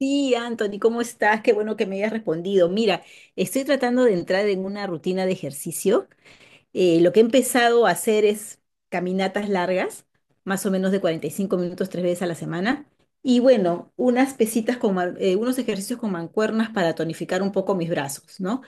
Sí, Anthony, ¿cómo estás? Qué bueno que me hayas respondido. Mira, estoy tratando de entrar en una rutina de ejercicio. Lo que he empezado a hacer es caminatas largas, más o menos de 45 minutos tres veces a la semana. Y bueno, unas pesitas con unos ejercicios con mancuernas para tonificar un poco mis brazos, ¿no?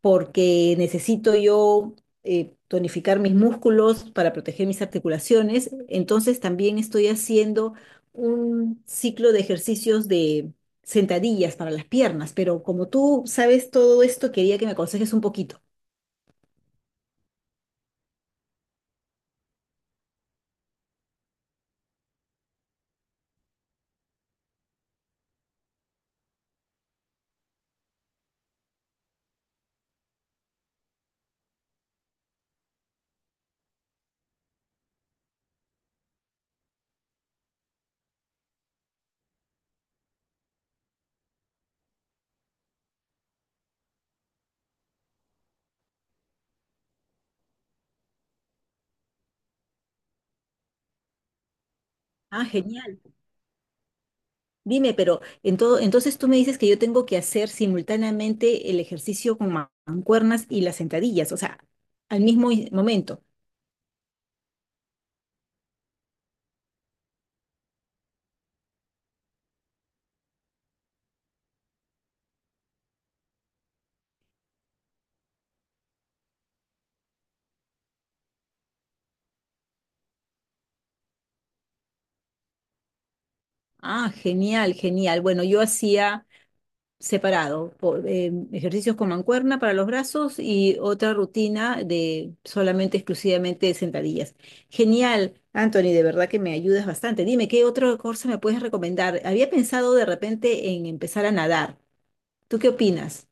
Porque necesito yo tonificar mis músculos para proteger mis articulaciones. Entonces también estoy haciendo un ciclo de ejercicios de sentadillas para las piernas, pero como tú sabes todo esto, quería que me aconsejes un poquito. Ah, genial. Dime, pero entonces tú me dices que yo tengo que hacer simultáneamente el ejercicio con mancuernas y las sentadillas, o sea, al mismo momento. Ah, genial, genial. Bueno, yo hacía separado, ejercicios con mancuerna para los brazos y otra rutina de solamente, exclusivamente sentadillas. Genial, Anthony, de verdad que me ayudas bastante. Dime, ¿qué otra cosa me puedes recomendar? Había pensado de repente en empezar a nadar. ¿Tú qué opinas?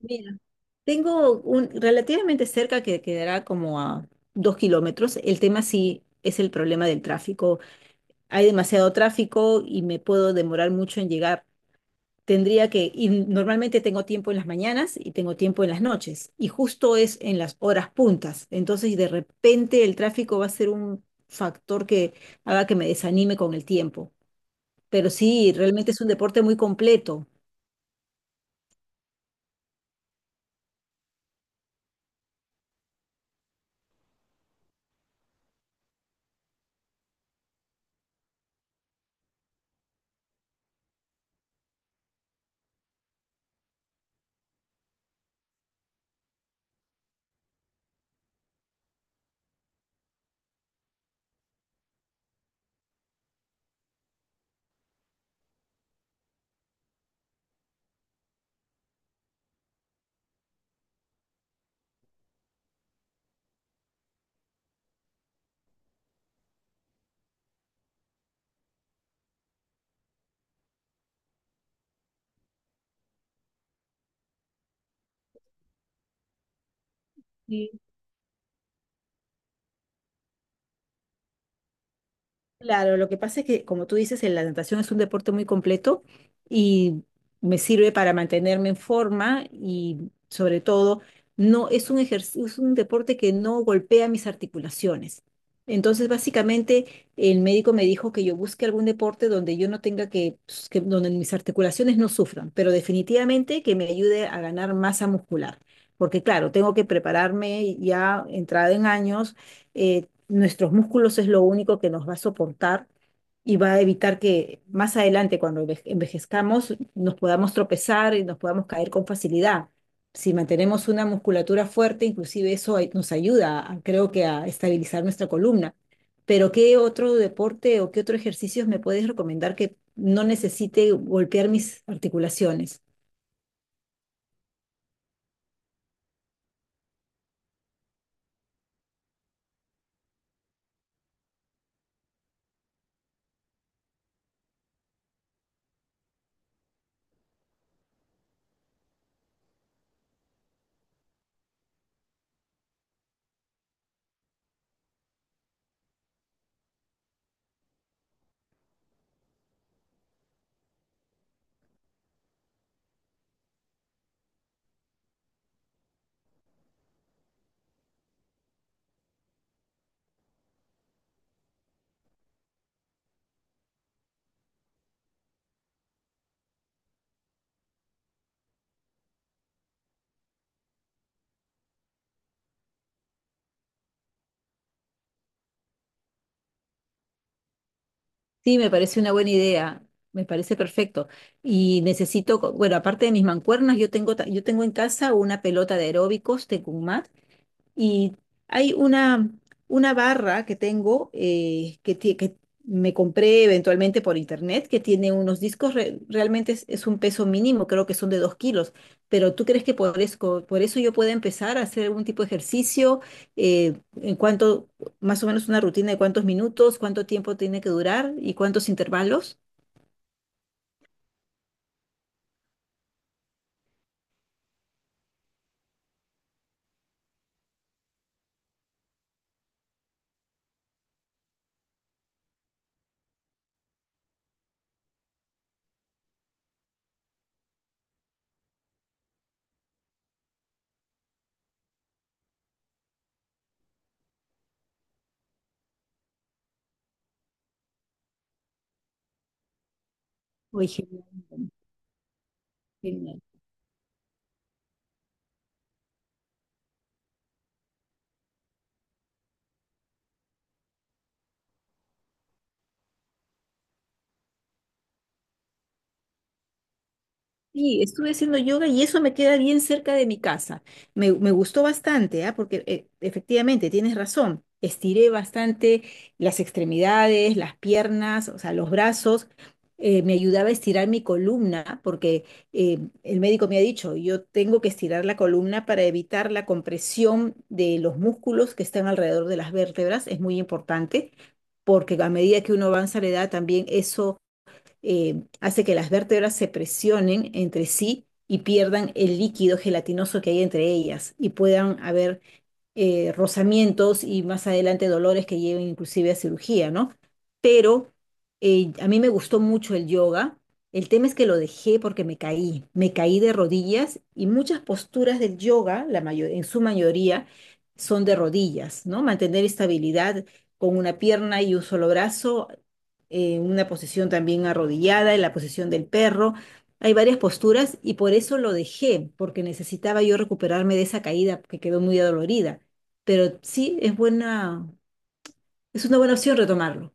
Mira, tengo un relativamente cerca que quedará como a 2 kilómetros. El tema sí es el problema del tráfico. Hay demasiado tráfico y me puedo demorar mucho en llegar. Tendría que, y normalmente tengo tiempo en las mañanas y tengo tiempo en las noches, y justo es en las horas puntas. Entonces, de repente el tráfico va a ser un factor que haga que me desanime con el tiempo. Pero sí, realmente es un deporte muy completo. Claro, lo que pasa es que, como tú dices, la natación es un deporte muy completo y me sirve para mantenerme en forma y sobre todo no es un ejercicio, es un deporte que no golpea mis articulaciones. Entonces, básicamente, el médico me dijo que yo busque algún deporte donde yo no tenga que, pues, que donde mis articulaciones no sufran, pero definitivamente que me ayude a ganar masa muscular. Porque claro, tengo que prepararme ya entrada en años, eh, nuestros músculos es lo único que nos va a soportar y va a evitar que más adelante, cuando envejezcamos, nos podamos tropezar y nos podamos caer con facilidad. Si mantenemos una musculatura fuerte, inclusive eso nos ayuda, creo que, a estabilizar nuestra columna. Pero ¿qué otro deporte o qué otro ejercicio me puedes recomendar que no necesite golpear mis articulaciones? Sí, me parece una buena idea, me parece perfecto. Y necesito, bueno, aparte de mis mancuernas, yo tengo, yo tengo en casa una pelota de aeróbicos de mat y hay una barra que tengo que me compré eventualmente por internet que tiene unos discos, realmente es un peso mínimo, creo que son de 2 kilos, pero ¿tú crees que por eso yo pueda empezar a hacer algún tipo de ejercicio? ¿En cuánto, más o menos una rutina de cuántos minutos, cuánto tiempo tiene que durar y cuántos intervalos? Oye, genial, genial. Sí, estuve haciendo yoga y eso me queda bien cerca de mi casa. Me gustó bastante, ¿ah? Porque efectivamente tienes razón. Estiré bastante las extremidades, las piernas, o sea, los brazos. Me ayudaba a estirar mi columna porque el médico me ha dicho, yo tengo que estirar la columna para evitar la compresión de los músculos que están alrededor de las vértebras. Es muy importante porque a medida que uno avanza la edad también eso hace que las vértebras se presionen entre sí y pierdan el líquido gelatinoso que hay entre ellas y puedan haber rozamientos y más adelante dolores que lleven inclusive a cirugía, ¿no? Pero a mí me gustó mucho el yoga. El tema es que lo dejé porque me caí de rodillas y muchas posturas del yoga, en su mayoría, son de rodillas, ¿no? Mantener estabilidad con una pierna y un solo brazo, una posición también arrodillada, en la posición del perro. Hay varias posturas y por eso lo dejé, porque necesitaba yo recuperarme de esa caída que quedó muy adolorida. Pero sí, es buena, es una buena opción retomarlo.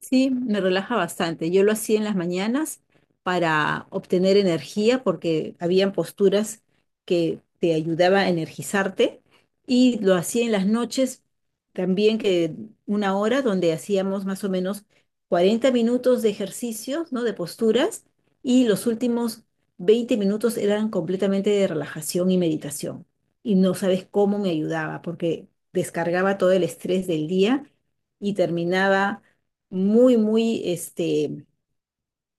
Sí, me relaja bastante. Yo lo hacía en las mañanas para obtener energía porque habían posturas que te ayudaba a energizarte y lo hacía en las noches también, que una hora donde hacíamos más o menos 40 minutos de ejercicios, ¿no? De posturas, y los últimos 20 minutos eran completamente de relajación y meditación. Y no sabes cómo me ayudaba porque descargaba todo el estrés del día y terminaba muy, muy este,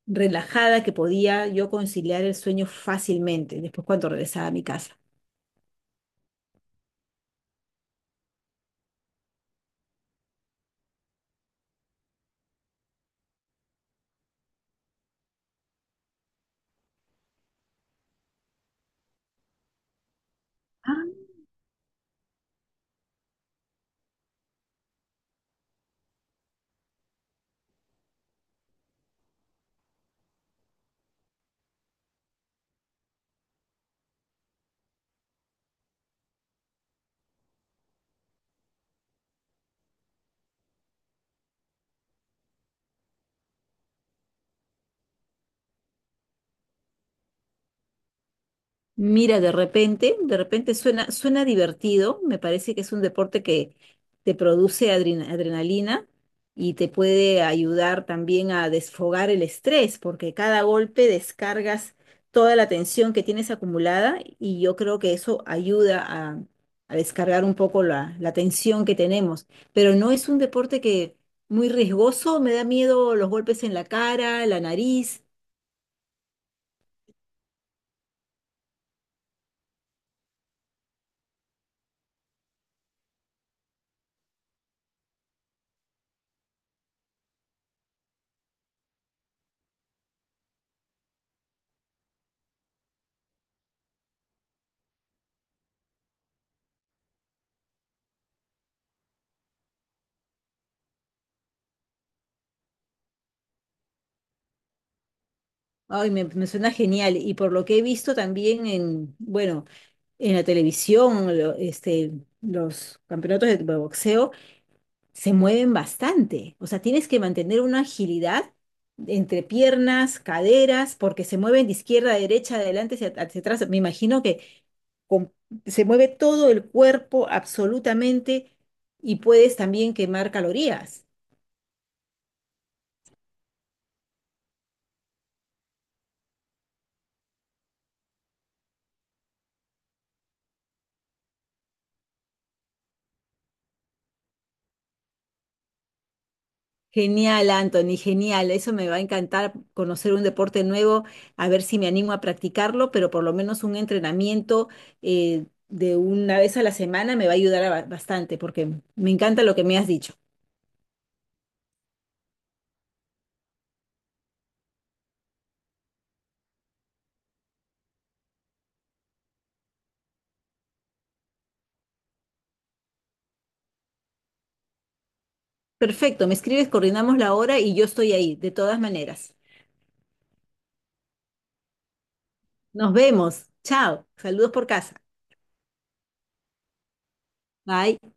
relajada, que podía yo conciliar el sueño fácilmente después cuando regresaba a mi casa. Mira, de repente suena, suena divertido. Me parece que es un deporte que te produce adrenalina y te puede ayudar también a desfogar el estrés, porque cada golpe descargas toda la tensión que tienes acumulada y yo creo que eso ayuda a descargar un poco la tensión que tenemos. Pero no es un deporte que muy riesgoso, me da miedo los golpes en la cara, la nariz. Ay, me suena genial. Y por lo que he visto también en, bueno, en la televisión, los campeonatos de boxeo se mueven bastante. O sea, tienes que mantener una agilidad entre piernas, caderas, porque se mueven de izquierda a derecha, adelante hacia, hacia atrás. Me imagino que com- se mueve todo el cuerpo absolutamente y puedes también quemar calorías. Genial, Anthony, genial. Eso me va a encantar conocer un deporte nuevo, a ver si me animo a practicarlo, pero por lo menos un entrenamiento de una vez a la semana me va a ayudar a bastante porque me encanta lo que me has dicho. Perfecto, me escribes, coordinamos la hora y yo estoy ahí, de todas maneras. Nos vemos. Chao. Saludos por casa. Bye.